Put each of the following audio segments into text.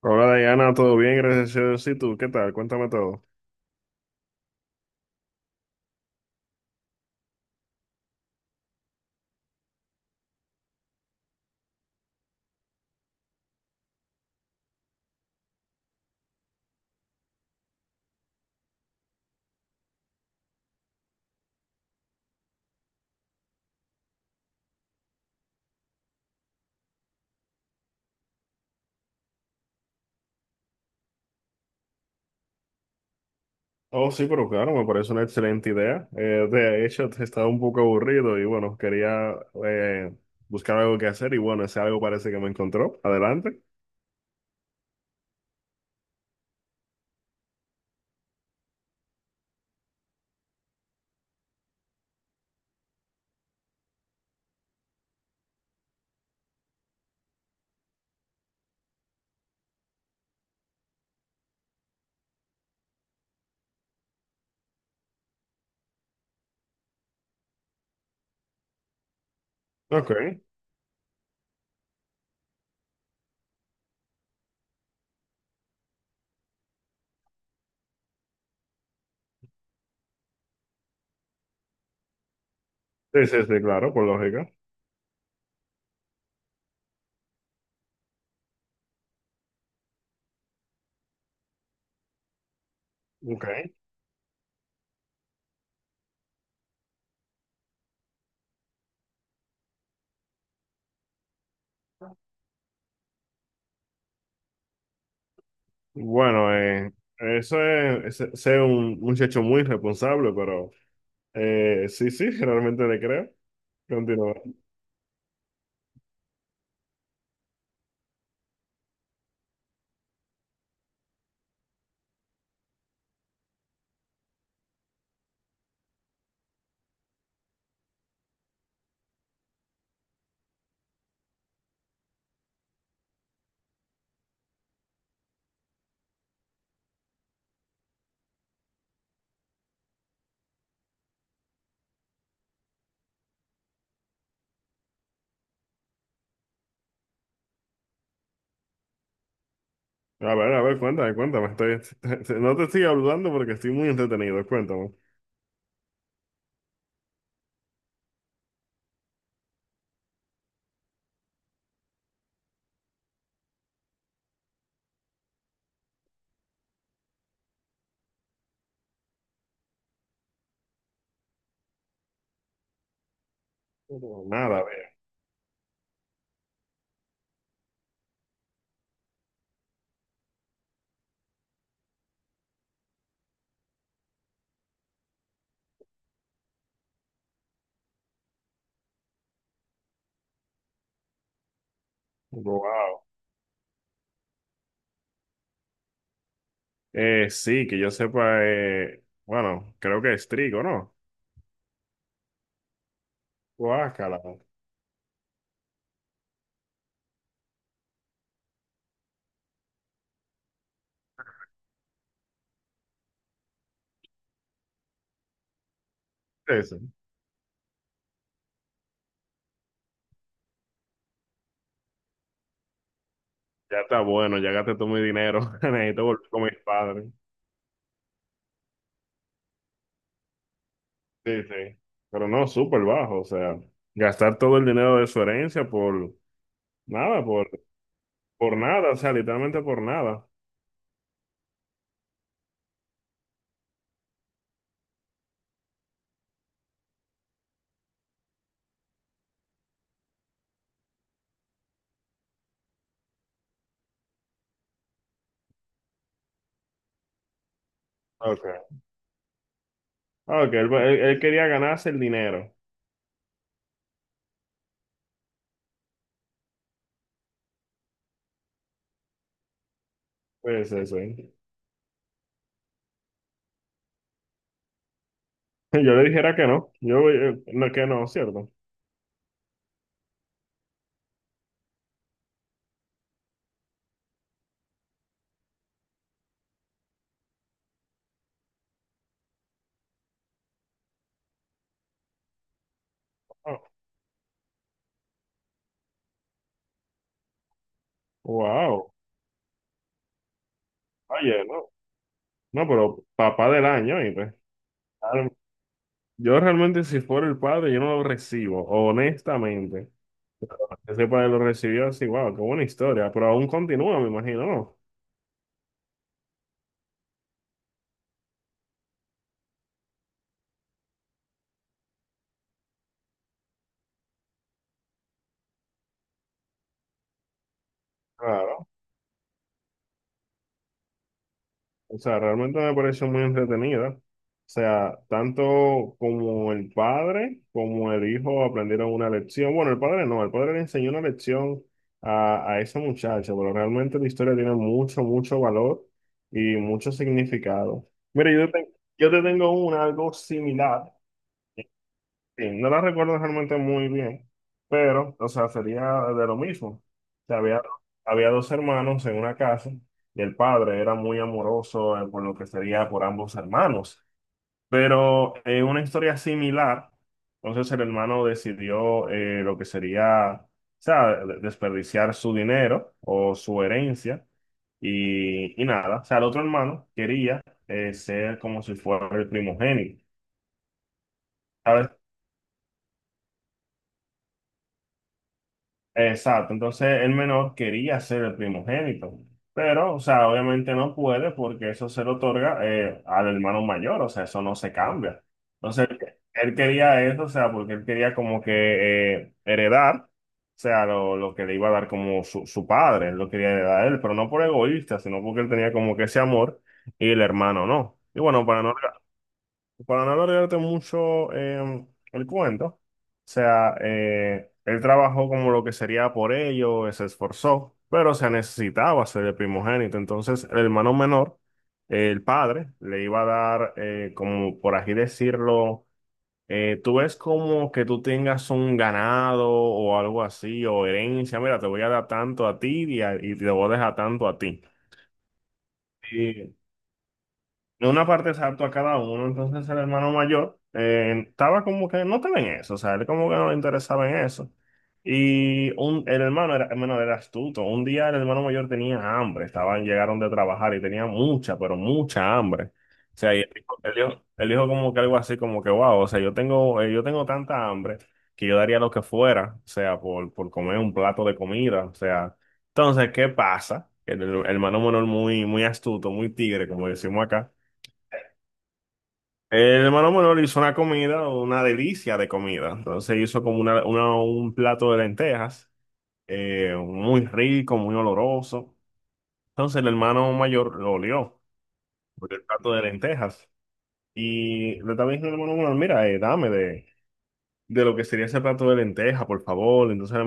Hola Diana, ¿todo bien? Gracias a Dios. ¿Y tú? ¿Qué tal? Cuéntame todo. Oh, sí, pero claro, me parece una excelente idea. De hecho, estaba un poco aburrido y bueno, quería eh, buscar algo que hacer y bueno, ese algo parece que me encontró. Adelante. Ok. Sí, sí, sí, claro, por lógica. Ok. Bueno, eso es, ese un muchacho muy responsable, pero sí, sí, realmente le creo. Continúa. A ver, cuéntame, cuéntame. No te estoy hablando porque estoy muy entretenido. Cuéntame. Pero nada, ve. Wow. Sí, que yo sepa, bueno, creo que es trigo, ¿no? Guácala. Eso. Ya está bueno, ya gasté todo mi dinero. Necesito volver con mis padres. Sí, sí. Pero no, súper bajo. O sea, gastar todo el dinero de su herencia por nada, por nada, o sea, literalmente por nada. Ok. Ah, ok, él quería ganarse el dinero. Pues eso. ¿Eh? Yo le dijera que no. Que no, ¿cierto? Ah, wow. Oye, no. No, pero papá del año, y pues, claro, yo realmente si fuera el padre, yo no lo recibo, honestamente. Ese padre lo recibió así, wow, qué buena historia, pero aún continúa, me imagino, ¿no? Claro. O sea, realmente me pareció muy entretenida. O sea, tanto como el padre como el hijo aprendieron una lección. Bueno, el padre no, el padre le enseñó una lección a esa muchacha, pero realmente la historia tiene mucho, mucho valor y mucho significado. Yo te tengo una, algo similar. Sí, no la recuerdo realmente muy bien, pero, o sea, sería de lo mismo. O sea, había dos hermanos en una casa y el padre era muy amoroso por lo que sería por ambos hermanos. Pero una historia similar, entonces el hermano decidió lo que sería, o sea, desperdiciar su dinero o su herencia y nada. O sea, el otro hermano quería ser como si fuera el primogénito. Exacto, entonces el menor quería ser el primogénito, pero, o sea, obviamente no puede porque eso se le otorga al hermano mayor, o sea, eso no se cambia. Entonces, él, Él quería eso, o sea, porque él quería como que heredar, o sea, lo que le iba a dar como su padre, él lo quería heredar a él, pero no por egoísta, sino porque él tenía como que ese amor y el hermano no. Y bueno, para no alargarte mucho el cuento, o sea, él trabajó como lo que sería por ello, se esforzó, pero se necesitaba ser el primogénito. Entonces, el hermano menor, el padre, le iba a dar, como por así decirlo, tú ves como que tú tengas un ganado o algo así, o herencia, mira, te voy a dar tanto a ti y, y te voy a dejar tanto a ti. Y de una parte exacto a cada uno. Entonces el hermano mayor estaba como que no estaba en eso, o sea, él como que no le interesaba en eso. El hermano era astuto. Un día el hermano mayor tenía hambre, estaban, llegaron de trabajar y tenía mucha, pero mucha hambre. O sea, y él dijo, él dijo como que algo así como que, wow, o sea, yo tengo tanta hambre que yo daría lo que fuera, o sea, por comer un plato de comida, o sea. Entonces, ¿qué pasa? El hermano menor muy, muy astuto, muy tigre, como decimos acá el hermano menor hizo una comida, una delicia de comida. Entonces hizo como una, un plato de lentejas, muy rico, muy oloroso. Entonces el hermano mayor lo olió por el plato de lentejas. Y le estaba diciendo al hermano menor, mira, dame de lo que sería ese plato de lentejas, por favor. Entonces,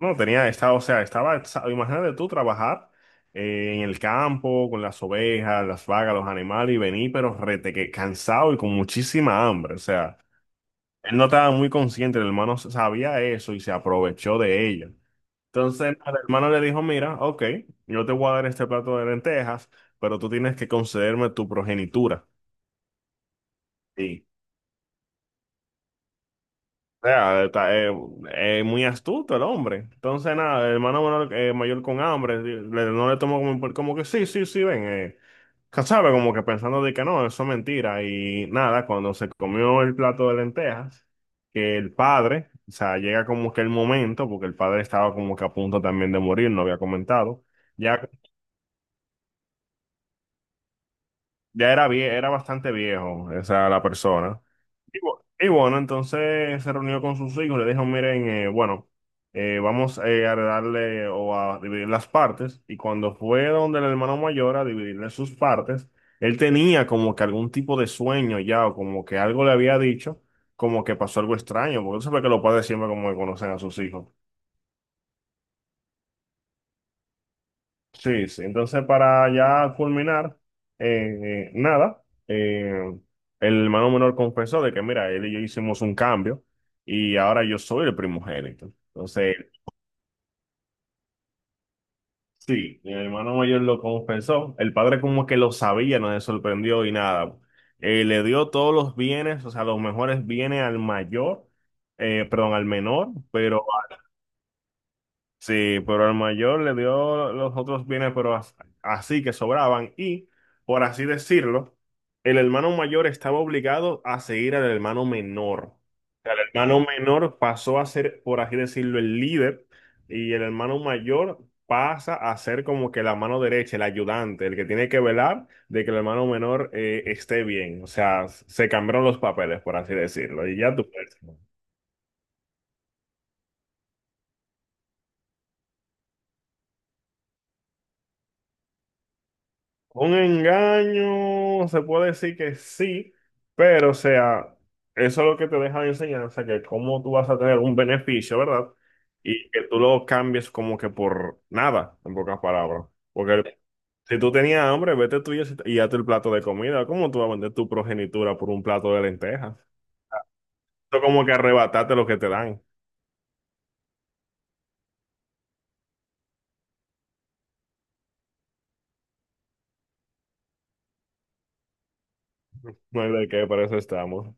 no, tenía, estaba, o sea, estaba, imagínate tú trabajar en el campo con las ovejas, las vacas, los animales y venir, pero rete, que cansado y con muchísima hambre. O sea. Él no estaba muy consciente, el hermano sabía eso y se aprovechó de ella. Entonces el hermano le dijo, mira, ok, yo te voy a dar este plato de lentejas, pero tú tienes que concederme tu progenitura. Sí. O sea, está, muy astuto el hombre. Entonces, nada, el hermano menor, mayor con hambre, no le tomó como, como que sí, sí, sí, ven. Que sabe, como que pensando de que no, eso es mentira. Y nada, cuando se comió el plato de lentejas, que el padre, o sea, llega como que el momento, porque el padre estaba como que a punto también de morir, no había comentado. Ya, ya era, era bastante viejo, o sea, la persona. Y bueno, entonces se reunió con sus hijos, le dijo, miren, bueno, vamos a darle o a dividir las partes. Y cuando fue donde el hermano mayor a dividirle sus partes, él tenía como que algún tipo de sueño ya, o como que algo le había dicho, como que pasó algo extraño, porque tú sabes que los padres siempre como que conocen a sus hijos. Sí, sí. Entonces, para ya culminar, nada, el hermano menor confesó de que, mira, él y yo hicimos un cambio y ahora yo soy el primogénito. Entonces, sí, el hermano mayor lo confesó. El padre como que lo sabía, no se sorprendió y nada. Le dio todos los bienes, o sea, los mejores bienes al mayor, perdón, al menor, pero sí, pero al mayor le dio los otros bienes, pero así que sobraban. Y, por así decirlo, el hermano mayor estaba obligado a seguir al hermano menor. O sea, el hermano menor pasó a ser, por así decirlo, el líder y el hermano mayor pasa a ser como que la mano derecha, el ayudante, el que tiene que velar de que el hermano menor esté bien. O sea, se cambiaron los papeles, por así decirlo. Y ya tú puedes. Un engaño, se puede decir que sí, pero o sea, eso es lo que te deja de enseñanza, que cómo tú vas a tener un beneficio, ¿verdad? Y que tú lo cambies como que por nada, en pocas palabras. Porque si tú tenías hambre, vete tú y hazte el plato de comida. ¿Cómo tú vas a vender tu progenitura por un plato de lentejas? Eso como que arrebatarte lo que te dan. No hay de qué, para eso estamos.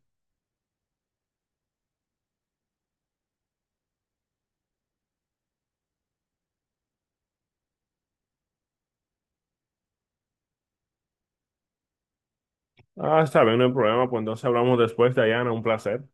Ah, está bien, no hay problema, pues entonces hablamos después, Dayana, un placer.